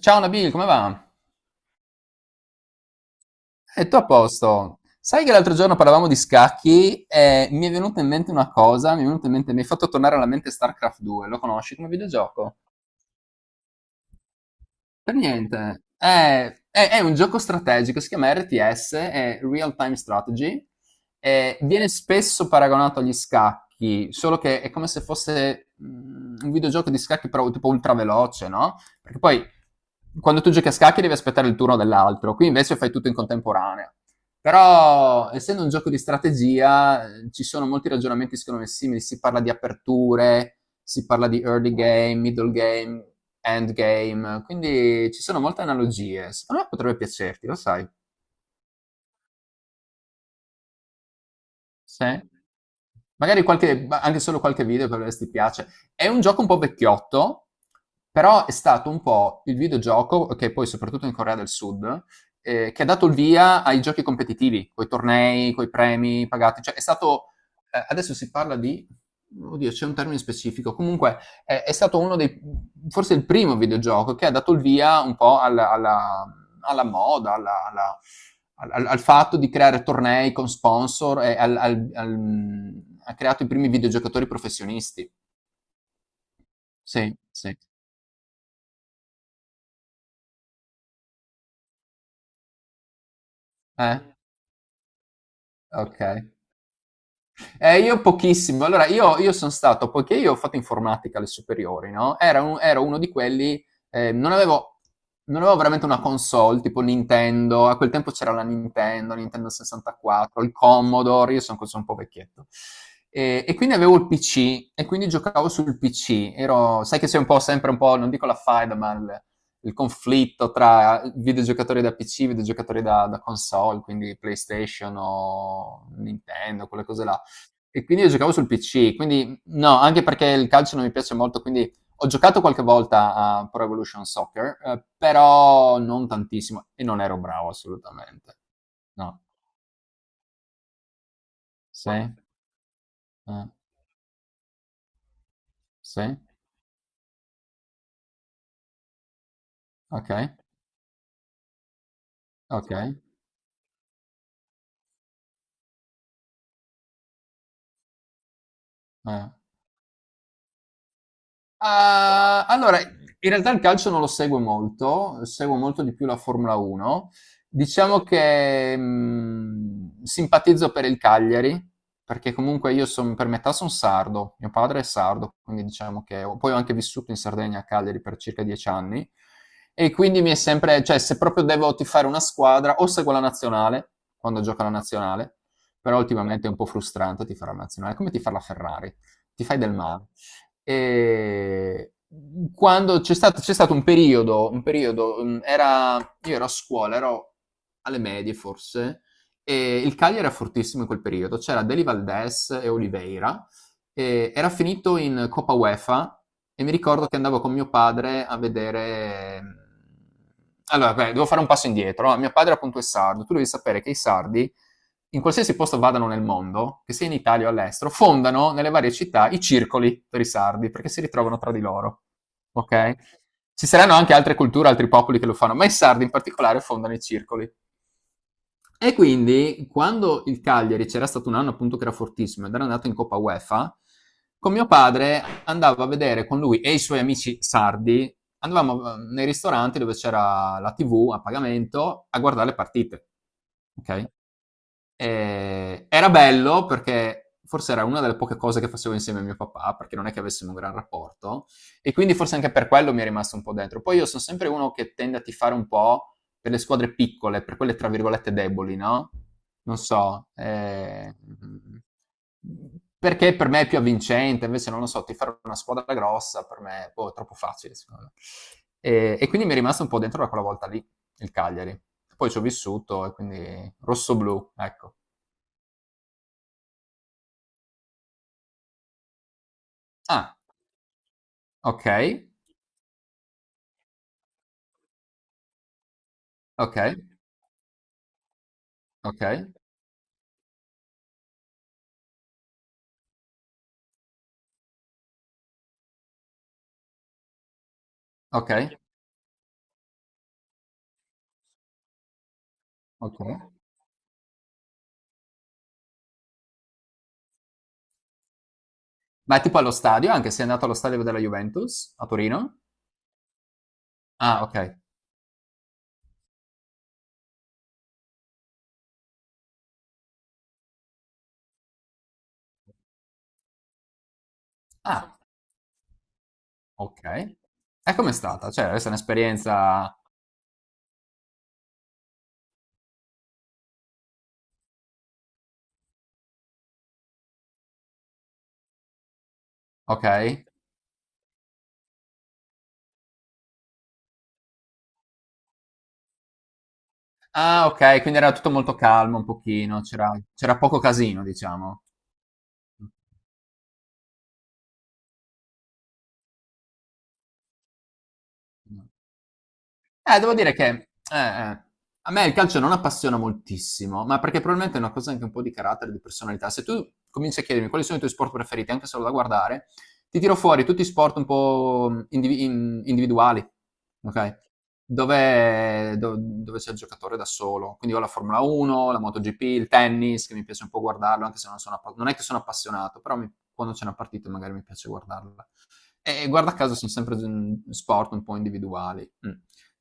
Ciao Nabil, come va? E tu a posto? Sai che l'altro giorno parlavamo di scacchi e mi è venuta in mente una cosa, mi è venuta in mente, mi hai fatto tornare alla mente StarCraft 2, lo conosci come videogioco? Per niente. È un gioco strategico, si chiama RTS, è Real Time Strategy, e viene spesso paragonato agli scacchi, solo che è come se fosse un videogioco di scacchi però tipo ultra veloce, no? Perché poi quando tu giochi a scacchi devi aspettare il turno dell'altro, qui invece fai tutto in contemporanea. Però, essendo un gioco di strategia, ci sono molti ragionamenti secondo me simili, si parla di aperture, si parla di early game, middle game, end game, quindi ci sono molte analogie. Secondo me potrebbe piacerti, lo sai. Sì. Magari qualche, ma anche solo qualche video per vedere se ti piace. È un gioco un po' vecchiotto, però è stato un po' il videogioco, che poi soprattutto in Corea del Sud, che ha dato il via ai giochi competitivi, coi tornei, coi premi pagati. Cioè è stato, adesso si parla di, oddio, c'è un termine specifico. Comunque è stato uno dei, forse il primo videogioco che ha dato il via un po' alla moda, al fatto di creare tornei con sponsor e ha creato i primi videogiocatori professionisti. Sì, sì. Eh? Ok. Io pochissimo. Allora, io sono stato, poiché io ho fatto informatica alle superiori, no? Ero uno di quelli, eh, non avevo, non avevo veramente una console, tipo Nintendo, a quel tempo c'era la Nintendo, Nintendo 64, il Commodore, io sono un po' vecchietto. E quindi avevo il PC, e quindi giocavo sul PC. Ero, sai che sei un po' sempre un po', non dico la faida, ma il conflitto tra videogiocatori da PC, videogiocatori da console, quindi PlayStation o Nintendo, quelle cose là e quindi io giocavo sul PC, quindi no, anche perché il calcio non mi piace molto, quindi ho giocato qualche volta a Pro Evolution Soccer, però non tantissimo e non ero bravo assolutamente. No. Sì? Ma eh, sì? Ok, ok. Sì. Eh. Ah, allora, in realtà il calcio non lo seguo molto di più la Formula 1. Diciamo che simpatizzo per il Cagliari, perché comunque per metà sono sardo, mio padre è sardo, quindi diciamo che ho- poi ho anche vissuto in Sardegna a Cagliari per circa 10 anni e quindi mi è sempre, cioè se proprio devo tifare una squadra, o seguo la nazionale, quando gioca la nazionale, però ultimamente è un po' frustrante tifare la nazionale, è come tifare la Ferrari, ti fai del male. E quando c'è stato un periodo io ero a scuola, ero alle medie forse, e il Cagliari era fortissimo in quel periodo. C'era Deli Valdés e Oliveira, e era finito in Coppa UEFA e mi ricordo che andavo con mio padre a vedere. Allora, beh, devo fare un passo indietro. No? Mio padre appunto è sardo, tu devi sapere che i sardi, in qualsiasi posto vadano nel mondo, che sia in Italia o all'estero, fondano nelle varie città i circoli per i sardi, perché si ritrovano tra di loro. Ok? Ci saranno anche altre culture, altri popoli che lo fanno, ma i sardi in particolare fondano i circoli. E quindi quando il Cagliari c'era stato un anno appunto che era fortissimo ed era andato in Coppa UEFA, con mio padre andavo a vedere con lui e i suoi amici sardi, andavamo nei ristoranti dove c'era la TV a pagamento a guardare le partite, ok? Era bello perché forse era una delle poche cose che facevo insieme a mio papà, perché non è che avessimo un gran rapporto, e quindi forse anche per quello mi è rimasto un po' dentro. Poi io sono sempre uno che tende a tifare un po' per le squadre piccole, per quelle tra virgolette deboli, no? Non so, perché per me è più avvincente, invece non lo so, tifare una squadra grossa per me boh, è boh, troppo facile, secondo me. E quindi mi è rimasto un po' dentro da quella volta lì il Cagliari. Poi ci ho vissuto e quindi rosso-blu, ecco. Ah, ok, ok, ok, ok, ok. Ma è tipo allo stadio, anche se è andato allo stadio della Juventus a Torino? Ah, ok. Ah, ok. E com'è stata? Cioè, questa è un'esperienza. Ok. Ah, ok, quindi era tutto molto calmo un pochino, c'era poco casino, diciamo. Devo dire che eh, a me il calcio non appassiona moltissimo, ma perché probabilmente è una cosa anche un po' di carattere, di personalità. Se tu cominci a chiedermi quali sono i tuoi sport preferiti, anche solo da guardare, ti tiro fuori tutti i sport un po' individuali, ok? Dove c'è il giocatore da solo. Quindi ho la Formula 1, la MotoGP, il tennis, che mi piace un po' guardarlo, anche se non, non è che sono appassionato, però quando c'è una partita magari mi piace guardarla. E guarda caso sono sempre sport un po' individuali. Mm.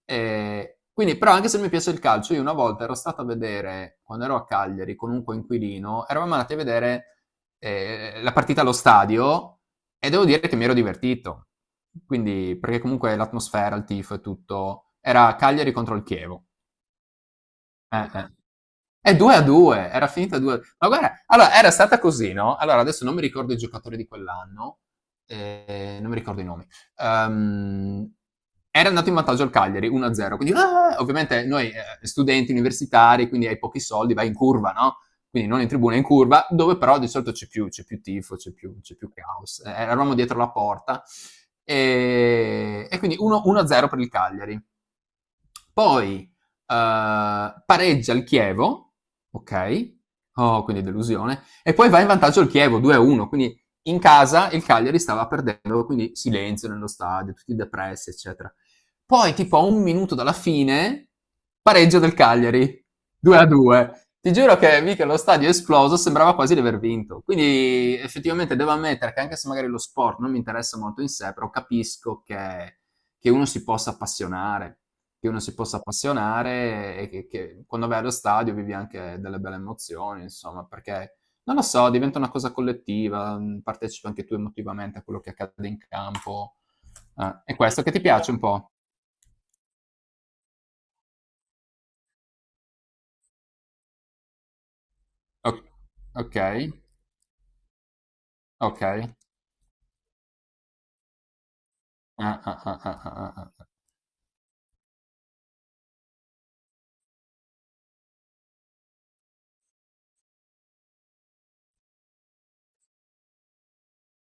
E quindi, però, anche se mi piace il calcio, io una volta ero stato a vedere, quando ero a Cagliari con un coinquilino, eravamo andati a vedere la partita allo stadio e devo dire che mi ero divertito. Quindi, perché comunque l'atmosfera, il tifo e tutto, era Cagliari contro il Chievo. Eh, eh. È 2 a 2, era finita 2 a 2. Ma guarda, allora era stata così, no? Allora adesso non mi ricordo i giocatori di quell'anno, non mi ricordo i nomi. Ehm, Era andato in vantaggio al Cagliari 1-0, quindi ah, ovviamente noi studenti universitari, quindi hai pochi soldi, vai in curva, no? Quindi non in tribuna, in curva, dove però di solito c'è più tifo, c'è più caos. Eravamo dietro la porta e quindi 1-0 per il Cagliari. Poi pareggia il Chievo, ok? Oh, quindi delusione. E poi va in vantaggio il Chievo 2-1, quindi in casa il Cagliari stava perdendo, quindi silenzio nello stadio, tutti depressi, eccetera. Poi, tipo a un minuto dalla fine, pareggio del Cagliari, 2-2. Ti giuro che mica lo stadio è esploso, sembrava quasi di aver vinto. Quindi effettivamente devo ammettere che anche se magari lo sport non mi interessa molto in sé, però capisco che uno si possa appassionare che uno si possa appassionare e che quando vai allo stadio vivi anche delle belle emozioni, insomma, perché non lo so, diventa una cosa collettiva, partecipi anche tu emotivamente a quello che accade in campo. È questo che ti piace un po'? O- ok, ok. Ah, ah, ah, ah, ah, ah,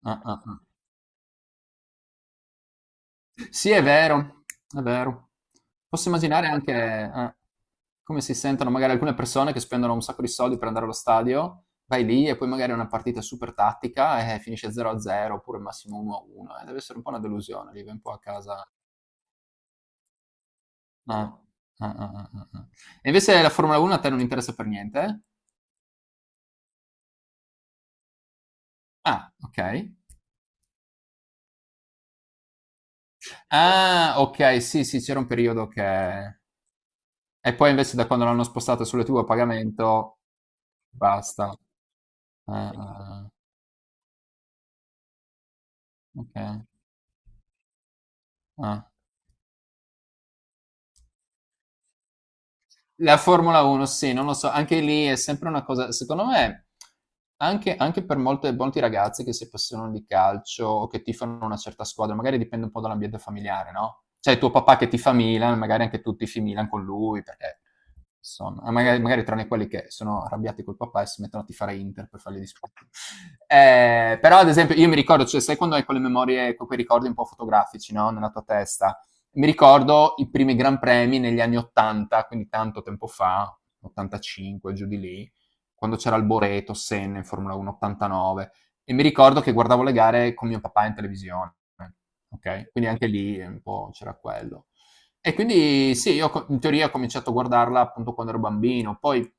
ah, ah, ah, ah, ah. Sì, è vero, è vero. Posso immaginare anche come si sentono magari alcune persone che spendono un sacco di soldi per andare allo stadio, vai lì e poi magari è una partita super tattica e finisce 0-0 oppure massimo 1-1. Deve essere un po' una delusione, vive un po' a casa. Ah, ah, ah, ah, ah, ah. E invece la Formula 1 a te non interessa per niente? Ah, ok. Ah, ok, sì, sì, c'era un periodo che. E poi invece da quando l'hanno spostata sulle tue a pagamento, basta. Ah, ah, ah. Ok. Ah. La Formula 1, sì, non lo so, anche lì è sempre una cosa, secondo me, anche, anche per molte, molti ragazzi che si appassionano di calcio o che tifano una certa squadra, magari dipende un po' dall'ambiente familiare, no? Cioè tuo papà che tifa Milan, magari anche tu tifi Milan con lui, perché insomma, magari, magari tranne quelli che sono arrabbiati col papà e si mettono a tifare Inter per fargli discutere. Però ad esempio io mi ricordo, cioè sai quando hai quelle memorie, quei ricordi un po' fotografici, no? Nella tua testa? Mi ricordo i primi Gran Premi negli anni 80, quindi tanto tempo fa, 85 giù di lì, quando c'era Alboreto, Senna in Formula 1, 89, e mi ricordo che guardavo le gare con mio papà in televisione, ok? Quindi anche lì un po' c'era quello. E quindi sì, io in teoria ho cominciato a guardarla appunto quando ero bambino, poi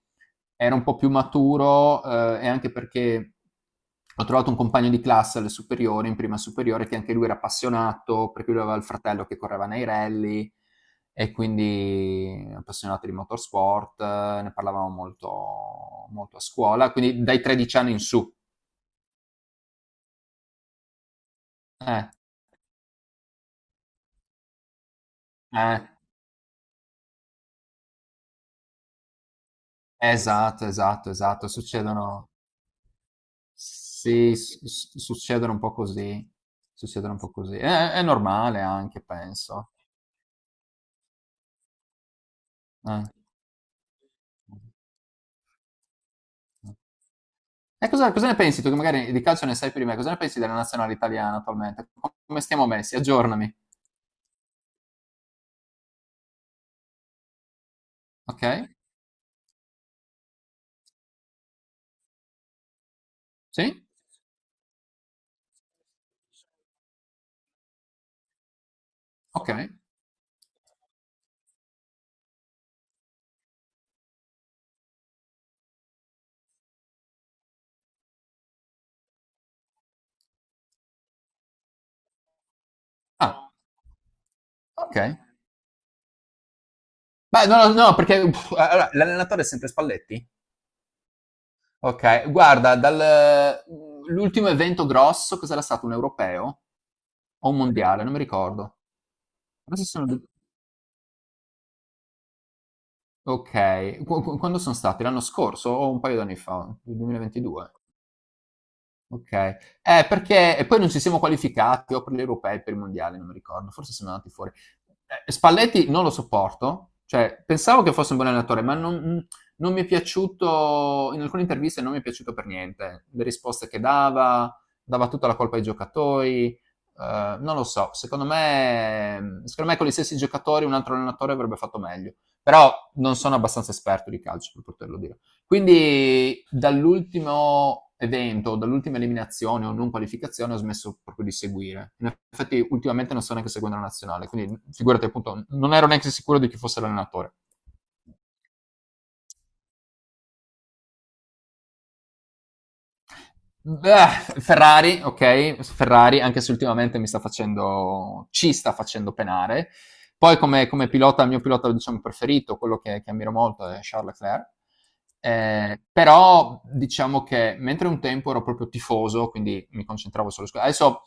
era un po' più maturo e anche perché ho trovato un compagno di classe alle superiori, in prima superiore, che anche lui era appassionato, perché lui aveva il fratello che correva nei rally e quindi appassionato di motorsport, ne parlavamo molto, molto a scuola, quindi dai 13 anni in su. Eh, eh, esatto, esatto, esatto, succedono, sì, succedono un po' così, succedono un po' così. È normale anche, penso. Ah. E cosa, cosa ne pensi tu, che magari di calcio ne sai più di me, cosa ne pensi della nazionale italiana attualmente? Come stiamo messi? Aggiornami, ok? Sì? Ok. Ah, ok. Beh, no, no, no, perché uff, allora, l'allenatore è sempre Spalletti? Ok, guarda, dal, l'ultimo evento grosso cos'era stato? Un europeo o un mondiale? Non mi ricordo. Però ci sono due. Ok, quando sono stati? L'anno scorso o un paio d'anni fa? Il 2022? Okay. Perché e poi non ci siamo qualificati o per gli europei o per i mondiali, non mi ricordo, forse siamo andati fuori. Spalletti non lo sopporto, cioè pensavo che fosse un buon allenatore, ma non non mi è piaciuto in alcune interviste non mi è piaciuto per niente. Le risposte che dava, dava tutta la colpa ai giocatori, non lo so, secondo me con gli stessi giocatori un altro allenatore avrebbe fatto meglio, però non sono abbastanza esperto di calcio per poterlo dire. Quindi dall'ultimo evento, dall'ultima eliminazione o non qualificazione ho smesso proprio di seguire. In effetti ultimamente non sto neanche seguendo la nazionale, quindi figurati appunto, non ero neanche sicuro di chi fosse l'allenatore. Beh, Ferrari, ok, Ferrari anche se ultimamente mi sta facendo, ci sta facendo penare. Poi come, come pilota, il mio pilota diciamo, preferito, quello che ammiro molto è Charles Leclerc. Però diciamo che mentre un tempo ero proprio tifoso, quindi mi concentravo solo su. Adesso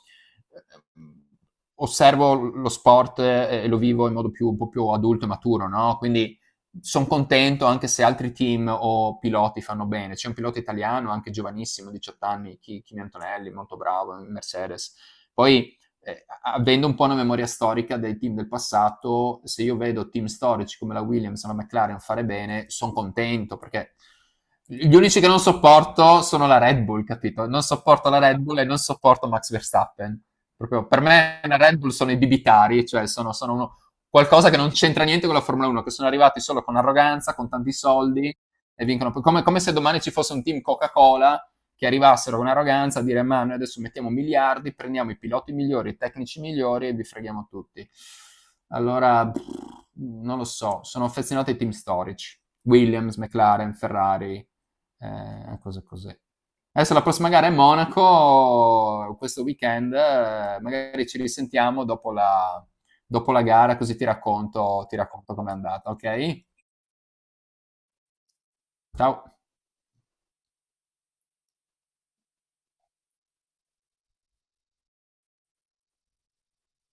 eh, osservo lo sport e lo vivo in modo più, un po' più adulto e maturo, no? Quindi sono contento anche se altri team o piloti fanno bene. C'è un pilota italiano, anche giovanissimo, 18 anni, Kimi Antonelli, molto bravo, Mercedes. Poi, avendo un po' una memoria storica dei team del passato, se io vedo team storici come la Williams o la McLaren fare bene, sono contento perché gli unici che non sopporto sono la Red Bull, capito? Non sopporto la Red Bull e non sopporto Max Verstappen. Proprio per me la Red Bull sono i bibitari, cioè sono, sono uno, qualcosa che non c'entra niente con la Formula 1, che sono arrivati solo con arroganza, con tanti soldi e vincono. Come, come se domani ci fosse un team Coca-Cola che arrivassero con arroganza a dire ma noi adesso mettiamo miliardi, prendiamo i piloti migliori, i tecnici migliori e vi freghiamo tutti. Allora, pff, non lo so, sono affezionato ai team storici. Williams, McLaren, Ferrari, cose così. Adesso la prossima gara è Monaco, questo weekend, magari ci risentiamo dopo la gara, così ti racconto com'è andata, ok? Ciao!